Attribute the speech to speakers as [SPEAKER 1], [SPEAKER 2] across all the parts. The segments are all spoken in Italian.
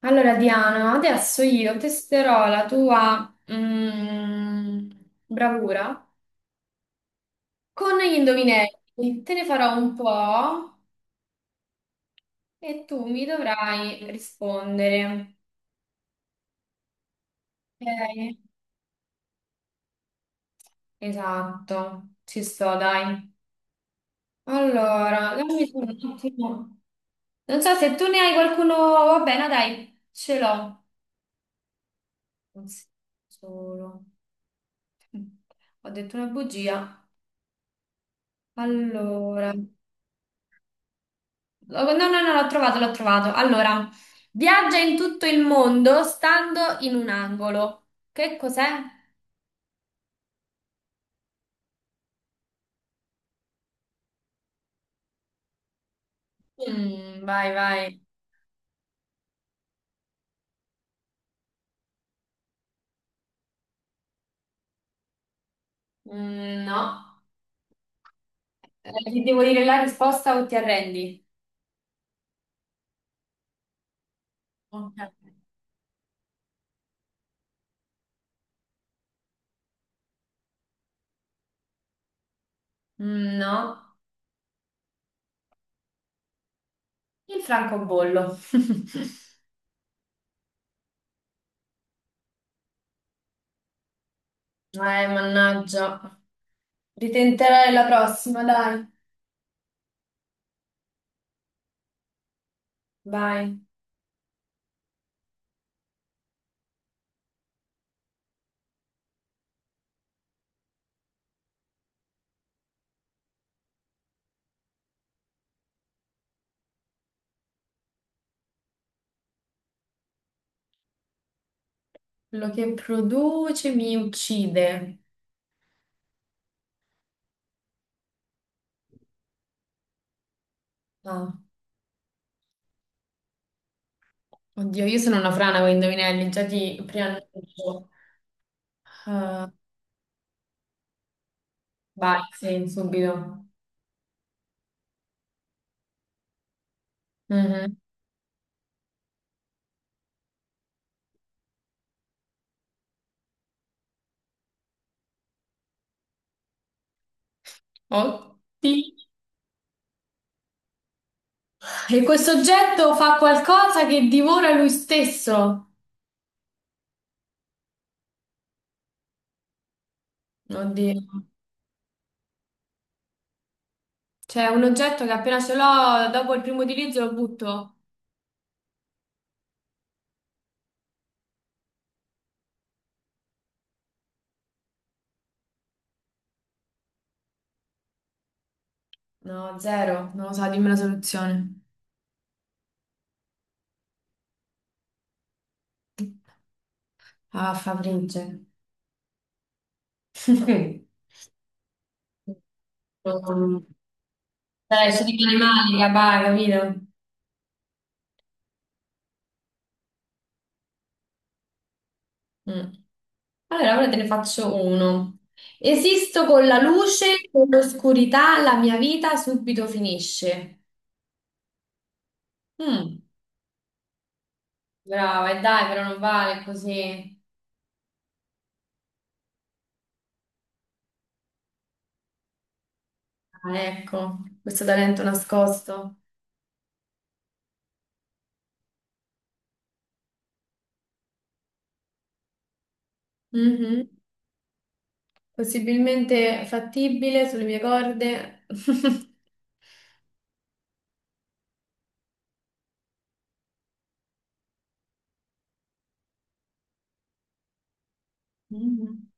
[SPEAKER 1] Allora, Diana, adesso io testerò la tua bravura con gli indovinelli. Te ne farò un po' e tu mi dovrai rispondere. Ok? Esatto, ci sto, dai. Allora, dammi solo un attimo. Non so se tu ne hai qualcuno. Va bene, dai, ce l'ho. Un solo. Ho detto una bugia. Allora. Oh, no, no, no, l'ho trovato, l'ho trovato. Allora, viaggia in tutto il mondo stando in un angolo. Che cos'è? Mm, vai, vai. Mm, no. Ti devo dire la risposta o ti arrendi? Ok. Mm, no. Il francobollo. Eh, mannaggia. Ritenterai la prossima, dai. Vai. Quello che produce mi uccide. No. Oddio, io sono una frana con i indovinelli, già ti preannuncio. Ah, vai, sì, subito. Mhm. Oddio. E questo oggetto fa qualcosa che divora lui stesso. Oddio. Cioè, un oggetto che appena ce l'ho, dopo il primo utilizzo lo butto. No, zero. Non lo so, dimmi la soluzione. Ah, Fabrizio. Cioè, ci dicono i mali, raga, capito? Mm. Allora, ora te ne faccio uno. Esisto con la luce, con l'oscurità, la mia vita subito finisce. Mm, brava, e dai, però non vale così. Ah, ecco, questo talento nascosto. Mhm. Possibilmente fattibile sulle mie corde. Mhm.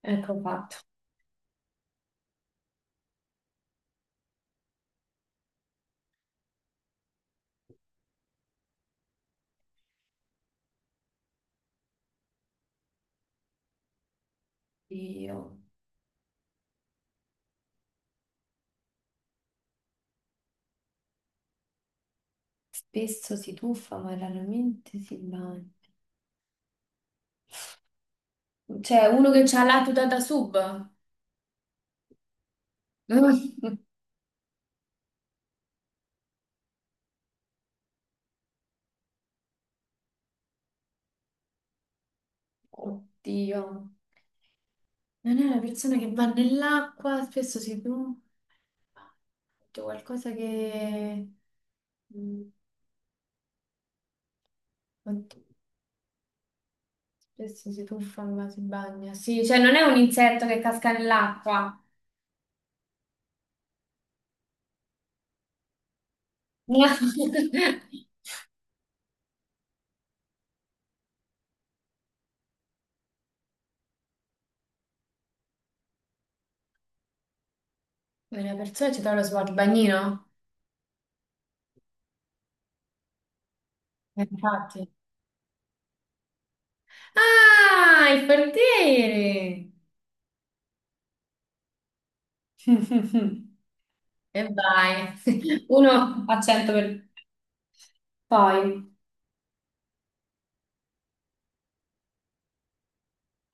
[SPEAKER 1] Ecco fatto. Io spesso si tuffa, ma raramente si bagna. C'è uno che ha la tuta da sub. Oddio, non è una persona che va nell'acqua, spesso si tuffa, c'è qualcosa che... mm, oddio, spesso si tuffa ma si bagna. Sì, cioè non è un insetto che casca nell'acqua. No. Una persona ci trova lo sguardo. Infatti. Ah, il portiere! E vai. Uno a 100 per... Poi,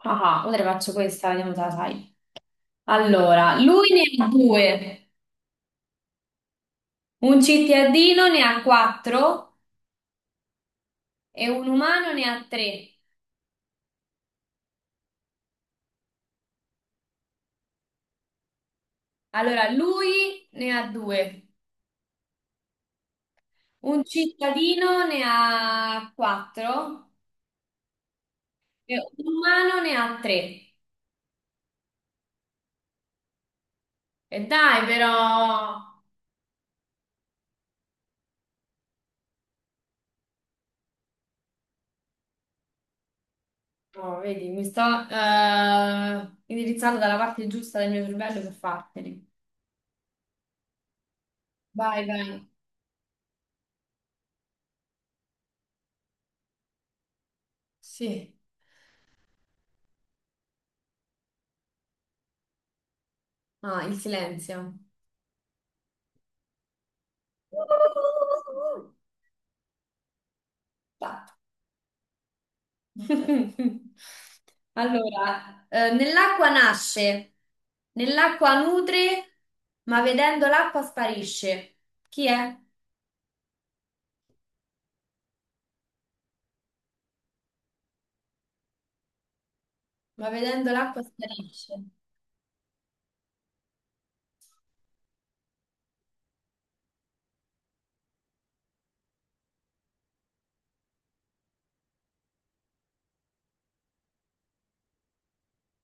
[SPEAKER 1] ah, ah, ora te ne faccio questa, vediamo se la sai. Allora, lui ne ha due, un cittadino ne ha quattro e un umano ne ha tre. Allora, lui ne ha due, un cittadino ne ha quattro e un umano ne ha tre. E dai, però, oh, vedi, mi sto indirizzando dalla parte giusta del mio cervello per farteli. Vai, vai. Sì. Ah, il silenzio. Allora, nell'acqua nasce, nell'acqua nutre, ma vedendo l'acqua sparisce. Chi è? Ma vedendo l'acqua sparisce.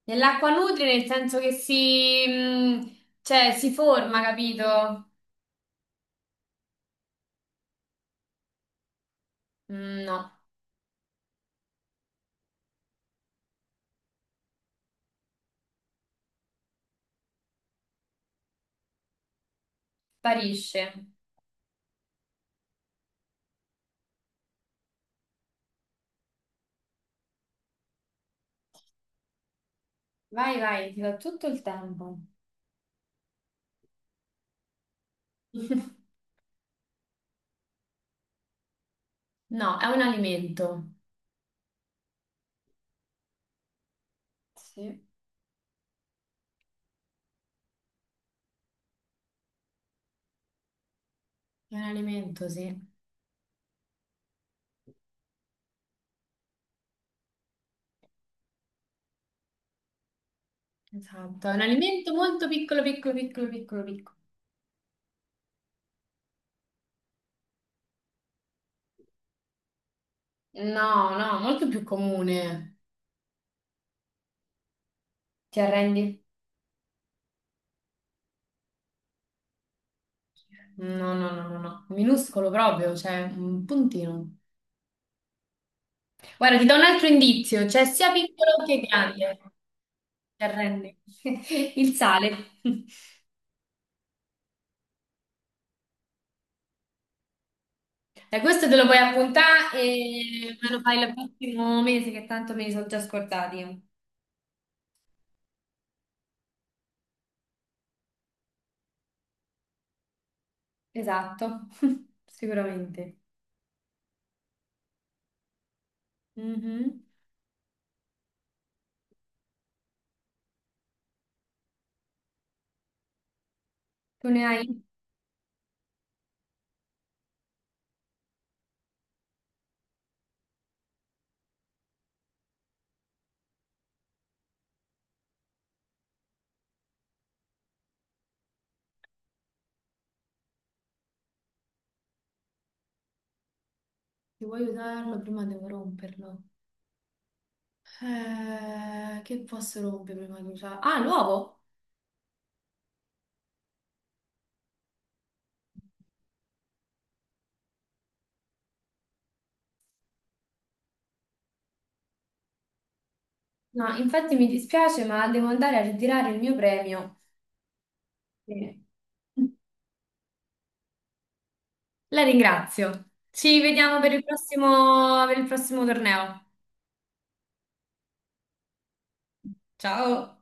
[SPEAKER 1] Nell'acqua nutre nel senso che si, cioè, si forma, capito? Mm, no, sparisce. Vai, vai, ti do tutto il tempo. No, è un alimento. Sì. È un alimento, sì. Esatto, è un alimento molto piccolo, piccolo, piccolo, piccolo, piccolo. No, no, molto più comune. Ti arrendi? No, no, no, no, no. Minuscolo proprio, cioè un puntino. Guarda, ti do un altro indizio, cioè sia piccolo che grande. Ti arrendi. Il sale. E questo te lo puoi appuntare e me lo fai il prossimo mese, che tanto me li sono già scordati. Esatto, sicuramente. Mhm. Tu ne hai? Se vuoi usarlo prima devo romperlo. Che posso rompere prima di usarlo? Ah, l'uovo! No, infatti mi dispiace, ma devo andare a ritirare il mio premio. Sì. La ringrazio. Ci vediamo per il prossimo torneo. Ciao.